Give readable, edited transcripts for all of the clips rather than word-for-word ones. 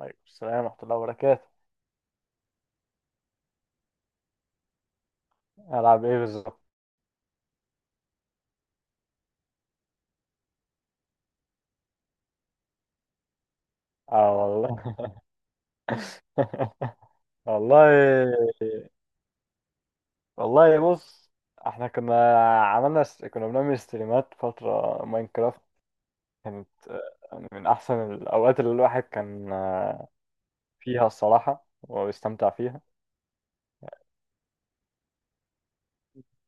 عليكم السلام ورحمة الله وبركاته. ألعب إيه بالظبط؟ آه والله. والله. والله بص، احنا كنا عملنا س... كنا بنعمل ستريمات فترة ماينكرافت. كانت يعني من أحسن الأوقات اللي الواحد كان فيها الصراحة وبيستمتع فيها.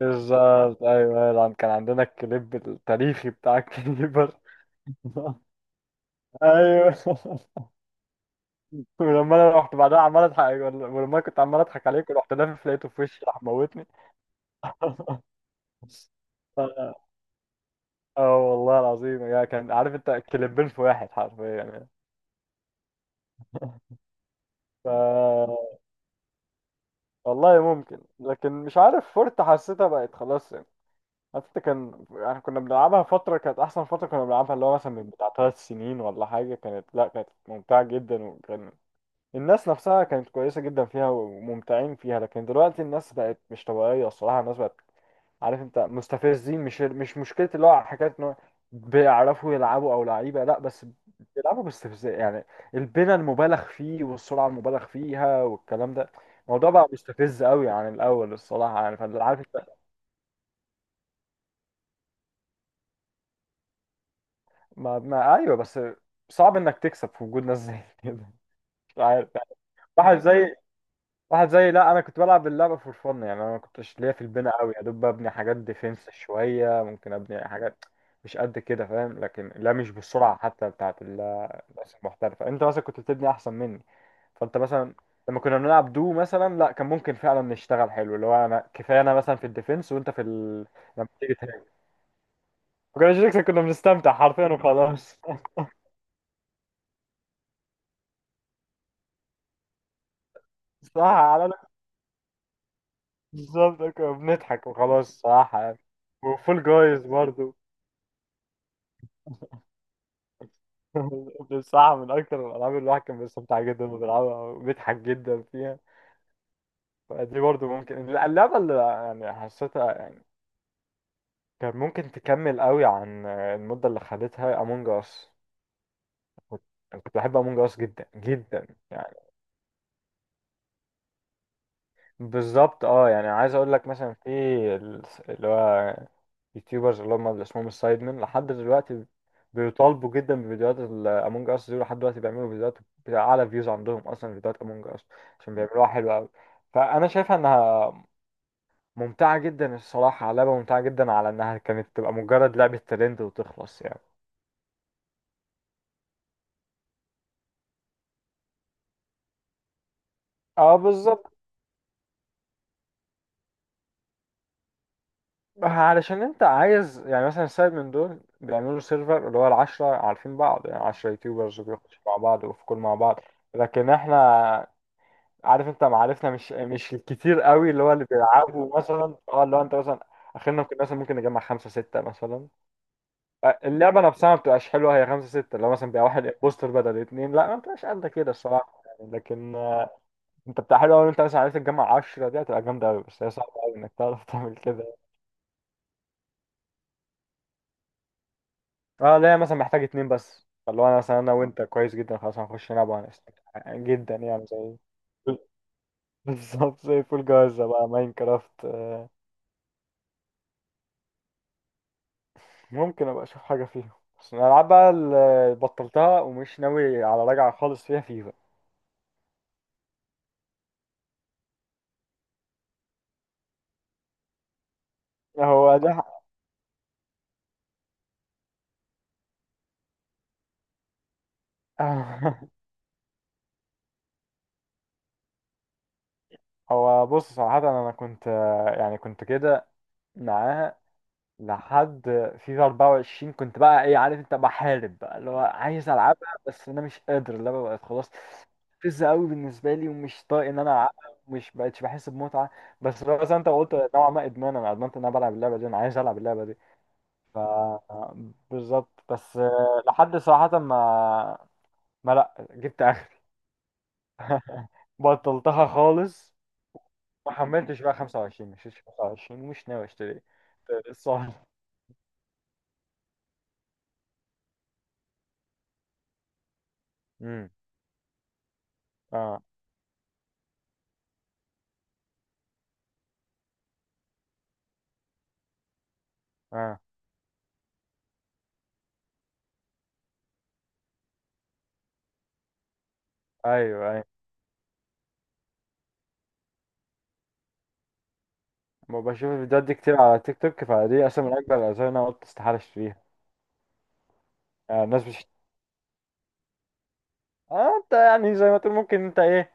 بالظبط أيوة، طبعاً كان عندنا الكليب التاريخي بتاع الكليبر. ايوه. ولما انا رحت بعدها عمال اضحك، ولما أنا كنت عمال اضحك عليك ورحت لافف لقيته في وشي راح موتني. اه. آه والله العظيم، يا كان عارف انت كليبين في واحد حرفيا يعني. ف والله ممكن، لكن مش عارف فورت حسيتها بقت خلاص يعني. حتى كان يعني كنا بنلعبها فترة، كانت أحسن فترة كنا بنلعبها، اللي هو مثلا من بتاع ثلاث سنين ولا حاجة، كانت لا كانت ممتعة جدا، وكان الناس نفسها كانت كويسة جدا فيها وممتعين فيها. لكن دلوقتي الناس بقت مش طبيعية الصراحة، الناس بقت عارف انت مستفزين. مش مشكلة اللي هو حكاية ان هو بيعرفوا يلعبوا او لعيبة، لا، بس بيلعبوا باستفزاز يعني. البناء المبالغ فيه والسرعة المبالغ فيها والكلام ده، الموضوع بقى مستفز قوي عن الاول الصراحة يعني، فانت عارف انت. ما ايوه بس صعب انك تكسب في وجود ناس زي كده، مش عارف يعني. واحد زي واحد زي، لا انا كنت بلعب اللعبه فور فن يعني، انا ما كنتش ليا في البناء قوي، يا دوب ببني حاجات ديفenس شويه، ممكن ابني حاجات مش قد كده فاهم. لكن لا، مش بالسرعه حتى بتاعت الناس المحترفه. انت مثلا كنت بتبني احسن مني، فانت مثلا لما كنا بنلعب دو مثلا، لا كان ممكن فعلا نشتغل حلو، اللي هو انا كفايه انا مثلا في الديفنس وانت في ال... لما تيجي تهاجم، ما كناش نكسب، كنا بنستمتع حرفيا وخلاص. صح. على بالظبط، كنا بنضحك وخلاص، صح يعني. وفول جايز برضو. بصراحة من أكتر الألعاب اللي الواحد كان بيستمتع جدا وبيلعبها وبيضحك جدا فيها. فدي برضه ممكن اللعبة اللي يعني حسيتها يعني كان ممكن تكمل قوي عن المدة اللي خدتها أمونج أس. كنت كنت بحب أمونج أس جدا جدا يعني. بالظبط اه، يعني عايز اقول لك مثلا في ال- اللي هو يوتيوبرز اللي هم اللي اسمهم السايد مان، لحد دلوقتي بيطالبوا جدا بفيديوهات الامونج اس دي، لحد دلوقتي بيعملوا فيديوهات بتاع اعلى فيوز عندهم اصلا فيديوهات امونج اس، عشان بيعملوها حلوه قوي. فانا شايفها انها ممتعه جدا الصراحه، لعبه ممتعه جدا، على انها كانت تبقى مجرد لعبه ترند وتخلص يعني. اه بالظبط، علشان انت عايز يعني مثلا سايب من دول بيعملوا سيرفر اللي هو العشرة عارفين بعض يعني، عشرة يوتيوبرز بيخشوا مع بعض وفي كل مع بعض. لكن احنا عارف انت معارفنا مش الكتير قوي، اللي هو اللي بيلعبوا مثلا اه اللي هو انت مثلا، اخرنا ممكن مثلا ممكن نجمع خمسة ستة مثلا. اللعبة نفسها ما بتبقاش حلوة هي خمسة ستة، لو مثلا بيبقى واحد بوستر بدل اتنين لا ما بتبقاش قد كده الصراحة يعني. لكن انت بتاع حلو قوي، انت مثلا عرفت تجمع عشرة دي هتبقى جامدة قوي، بس هي صعبة قوي انك تعرف تعمل كده. اه لا مثلا محتاج اتنين بس، فاللي هو انا مثلا انا وانت كويس جدا، خلاص هنخش نلعب وهنستمتع جدا يعني. زي بالظبط، زي فول جاهزة بقى ماين كرافت. ممكن ابقى اشوف حاجة فيهم، بس انا العب بقى اللي بطلتها ومش ناوي على رجعة خالص فيها فيفا. هو ده. هو بص صراحة انا كنت يعني كنت كده معاها لحد فيفا 24، كنت بقى ايه عارف انت بحارب بقى اللي هو عايز العبها، بس انا مش قادر، اللعبه بقت خلاص فزة قوي بالنسبه لي، ومش طايق ان انا العبها، مش بقتش بحس بمتعه. بس لو زي ما انت قلت نوعا ما ادمان، انا ادمنت ان انا بلعب اللعبه دي، انا عايز العب اللعبه دي. ف بالظبط، بس لحد صراحه ما ما لا جبت اخري. بطلتها خالص، ما حملتش بقى 25، مش 25 ومش ناوي اشتري الصراحه. امم اه اه ايوه أيوه. ما بشوف الفيديوهات دي كتير على تيك توك، فدي اصلا من اكبر الاسباب اللي انا قلت استحاله اشتريها. الناس مش، اه انت يعني زي ما تقول ممكن انت ايه،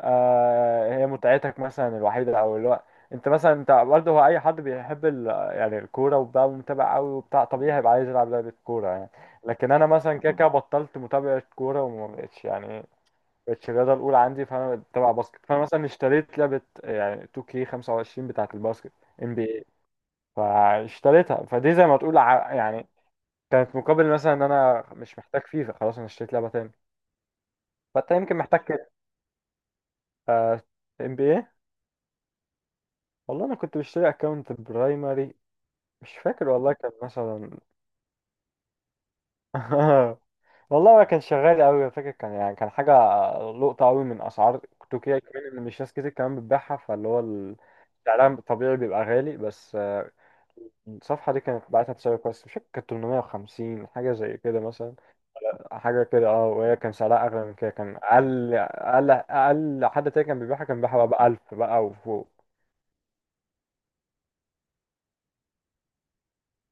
آه هي متعتك مثلا الوحيده او اللي هو انت مثلا، انت برضه هو اي حد بيحب ال... يعني الكوره وبقى متابع قوي وبتاع طبيعي هيبقى عايز يلعب لعبه كوره يعني. لكن انا مثلا كده كده بطلت متابعه كوره وما بقتش يعني بقتش الرياضه الاولى عندي، فانا بتابع باسكت، فانا مثلا اشتريت لعبه يعني 2K 25 بتاعه الباسكت NBA، فاشتريتها، فدي زي ما تقول ع- يعني كان في مقابل مثلا ان انا مش محتاج فيفا خلاص، انا اشتريت لعبه تاني. فانت يمكن محتاج كده. آه، ام بي اي. والله انا كنت بشتري اكونت برايمري، مش فاكر والله كان مثلا والله ما كان شغال قوي، فاكر كان يعني كان حاجه لقطه قوي من اسعار تركيا كمان، ان مش ناس كتير كمان بتبيعها، فاللي هو سعرها الطبيعي بيبقى غالي، بس الصفحه دي كانت بعتها بسعر كويس، مش فاكر كانت 850 حاجه زي كده مثلا، حاجة كده اه. وهي كان سعرها أغلى من كده، كان أقل أقل حد تاني كان بيبيعها، كان بيبيعها بقى بألف بقى وفوق.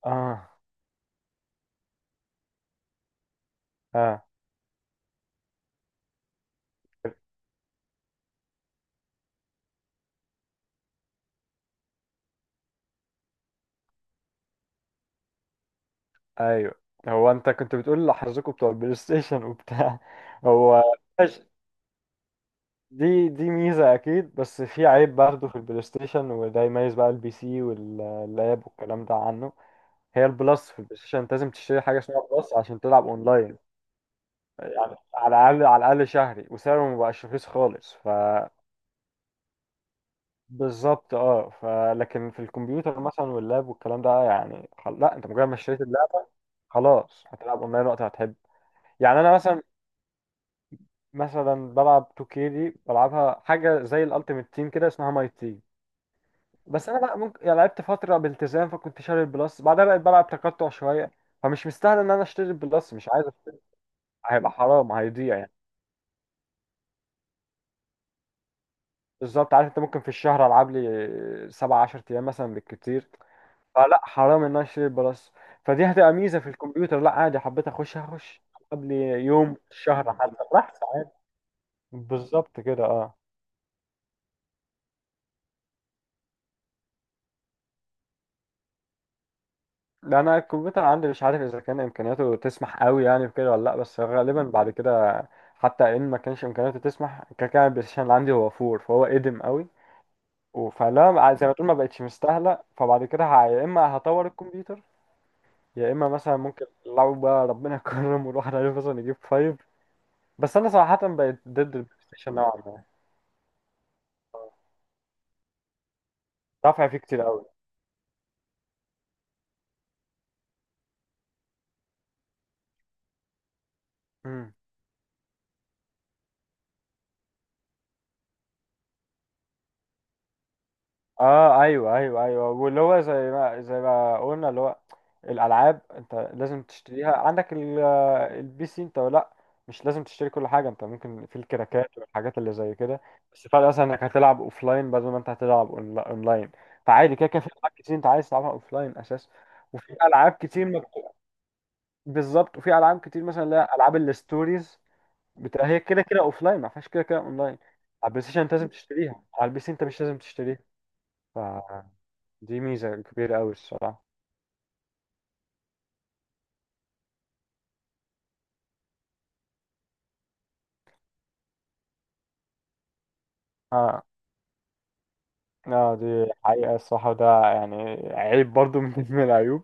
اه اه أيوه. هو أنت كنت بتقول لحظكوا بتوع البلاي ستيشن وبتاع هو ماشي، دي ميزة أكيد، بس في عيب برضه في البلاي ستيشن، وده يميز بقى البي سي واللاب والكلام ده عنه. هي البلس في البلاي ستيشن أنت لازم تشتري حاجة اسمها بلس عشان تلعب أونلاين، يعني على الأقل على الأقل شهري، وسعره مبقاش رخيص خالص. بالظبط اه، فلكن في الكمبيوتر مثلا واللاب والكلام ده يعني خل... لا انت مجرد ما اشتريت اللاب خلاص هتلعب اونلاين وقت ما تحب. يعني انا مثلا بلعب 2K دي، بلعبها حاجه زي الالتيميت تيم كده اسمها ماي تيم، بس انا بقى ممكن يعني لعبت فتره بالتزام فكنت شاري البلس، بعدها بقيت بلعب تقطع شويه، فمش مستاهل ان انا اشتري البلس، مش عايز اشتري هيبقى حرام هيضيع يعني. بالظبط عارف انت ممكن في الشهر العب لي 7 10 ايام مثلا بالكتير، فلا حرام ان انا اشتري بلس. فدي هتبقى ميزه في الكمبيوتر، لا عادي حبيت اخش هخش قبل يوم شهر حتى راح ساعات. بالظبط كده اه. لا انا الكمبيوتر عندي مش عارف اذا كان امكانياته تسمح قوي يعني في كده ولا لا، بس غالبا بعد كده حتى ان ما كانش امكانياته تسمح كده كده، البلاي ستيشن اللي عندي هو فور فهو قديم قوي. فلا زي ما تقول ما بقتش مستاهله، فبعد كده يا اما هطور الكمبيوتر، يا اما مثلا ممكن لو بقى ربنا كرم والواحد عارف مثلا يجيب 5. بس انا صراحه بقيت ضد البلاي ستيشن نوعا ما، دافع فيه كتير قوي. امم اه ايوه ايوه واللي هو زي ما قلنا اللي هو الالعاب انت لازم تشتريها، عندك البي سي انت لا، مش لازم تشتري كل حاجه، انت ممكن في الكراكات والحاجات اللي زي كده، بس الفرق مثلا انك هتلعب اوفلاين بدل ما انت هتلعب اونلاين. فعادي كده كده في العاب كتير انت عايز تلعبها اوفلاين اساسا، وفي العاب كتير ما بت- بالظبط، وفي العاب كتير مثلا اللي هي العاب الستوريز بتبقى هي كده كده اوف لاين، ما فيهاش كده كده اون لاين. على البلاي ستيشن انت لازم تشتريها، على البي سي انت مش لازم تشتريها، فدي ميزه كبيره قوي الصراحه. اه اه دي حقيقه الصراحه، وده يعني عيب برضو من العيوب.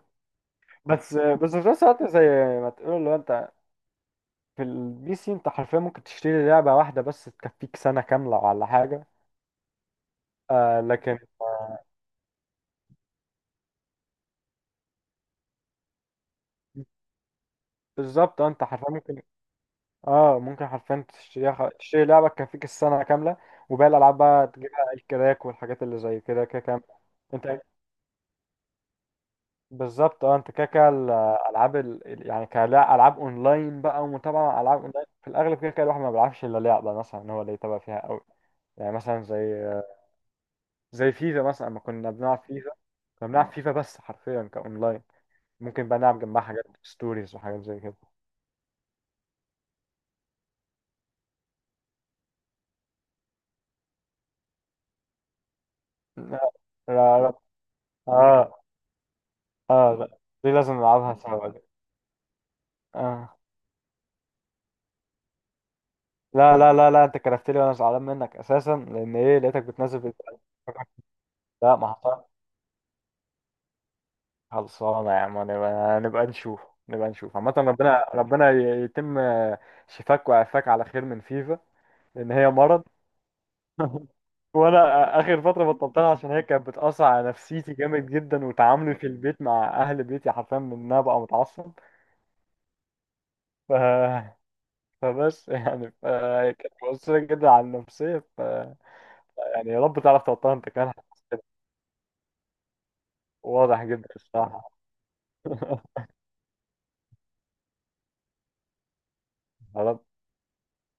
بس في نفس الوقت زي ما تقول لو انت في البي سي انت حرفيا ممكن تشتري لعبه واحده بس تكفيك سنه كامله ولا حاجه. آه لكن بالظبط، انت حرفيا ممكن، اه ممكن حرفيا تشتريها خ- تشتري لعبة تكفيك السنة كاملة، وباقي الألعاب بقى تجيبها الكراك والحاجات اللي زي كده كده كام انت. بالظبط اه، انت كده كده الألعاب ال... ال- يعني كألعاب أونلاين بقى ومتابعة مع ألعاب أونلاين في الأغلب، كده كده الواحد ما بيلعبش إلا لعبة مثلا إن هو اللي يتابع فيها أوي. يعني مثلا زي فيفا مثلا، لما كنا بنلعب فيفا كنا بنلعب فيفا بس حرفيا كأونلاين، ممكن بقى نلعب جنبها حاجات ستوريز وحاجات زي كده. لا لا لا. اه اه لا، دي لازم نلعبها سوا دي. اه لا انت كرفت لي وانا زعلان منك اساسا لان ايه لقيتك بتنزل في لا ما حصل. خلصانه يا عم، نبقى نشوف، نبقى نشوف عامه. ربنا يتم شفاك وعافاك على خير من فيفا، لان هي مرض. وانا اخر فتره بطلتها عشان هي كانت بتاثر على نفسيتي جامد جدا وتعاملي في البيت مع اهل بيتي، حرفيا من ان انا بقى متعصب. ف... فبس يعني ف... كانت مؤثره جدا على النفسيه. يعني يا رب تعرف تبطلها انت كمان. واضح جدا الصراحة. خلاص.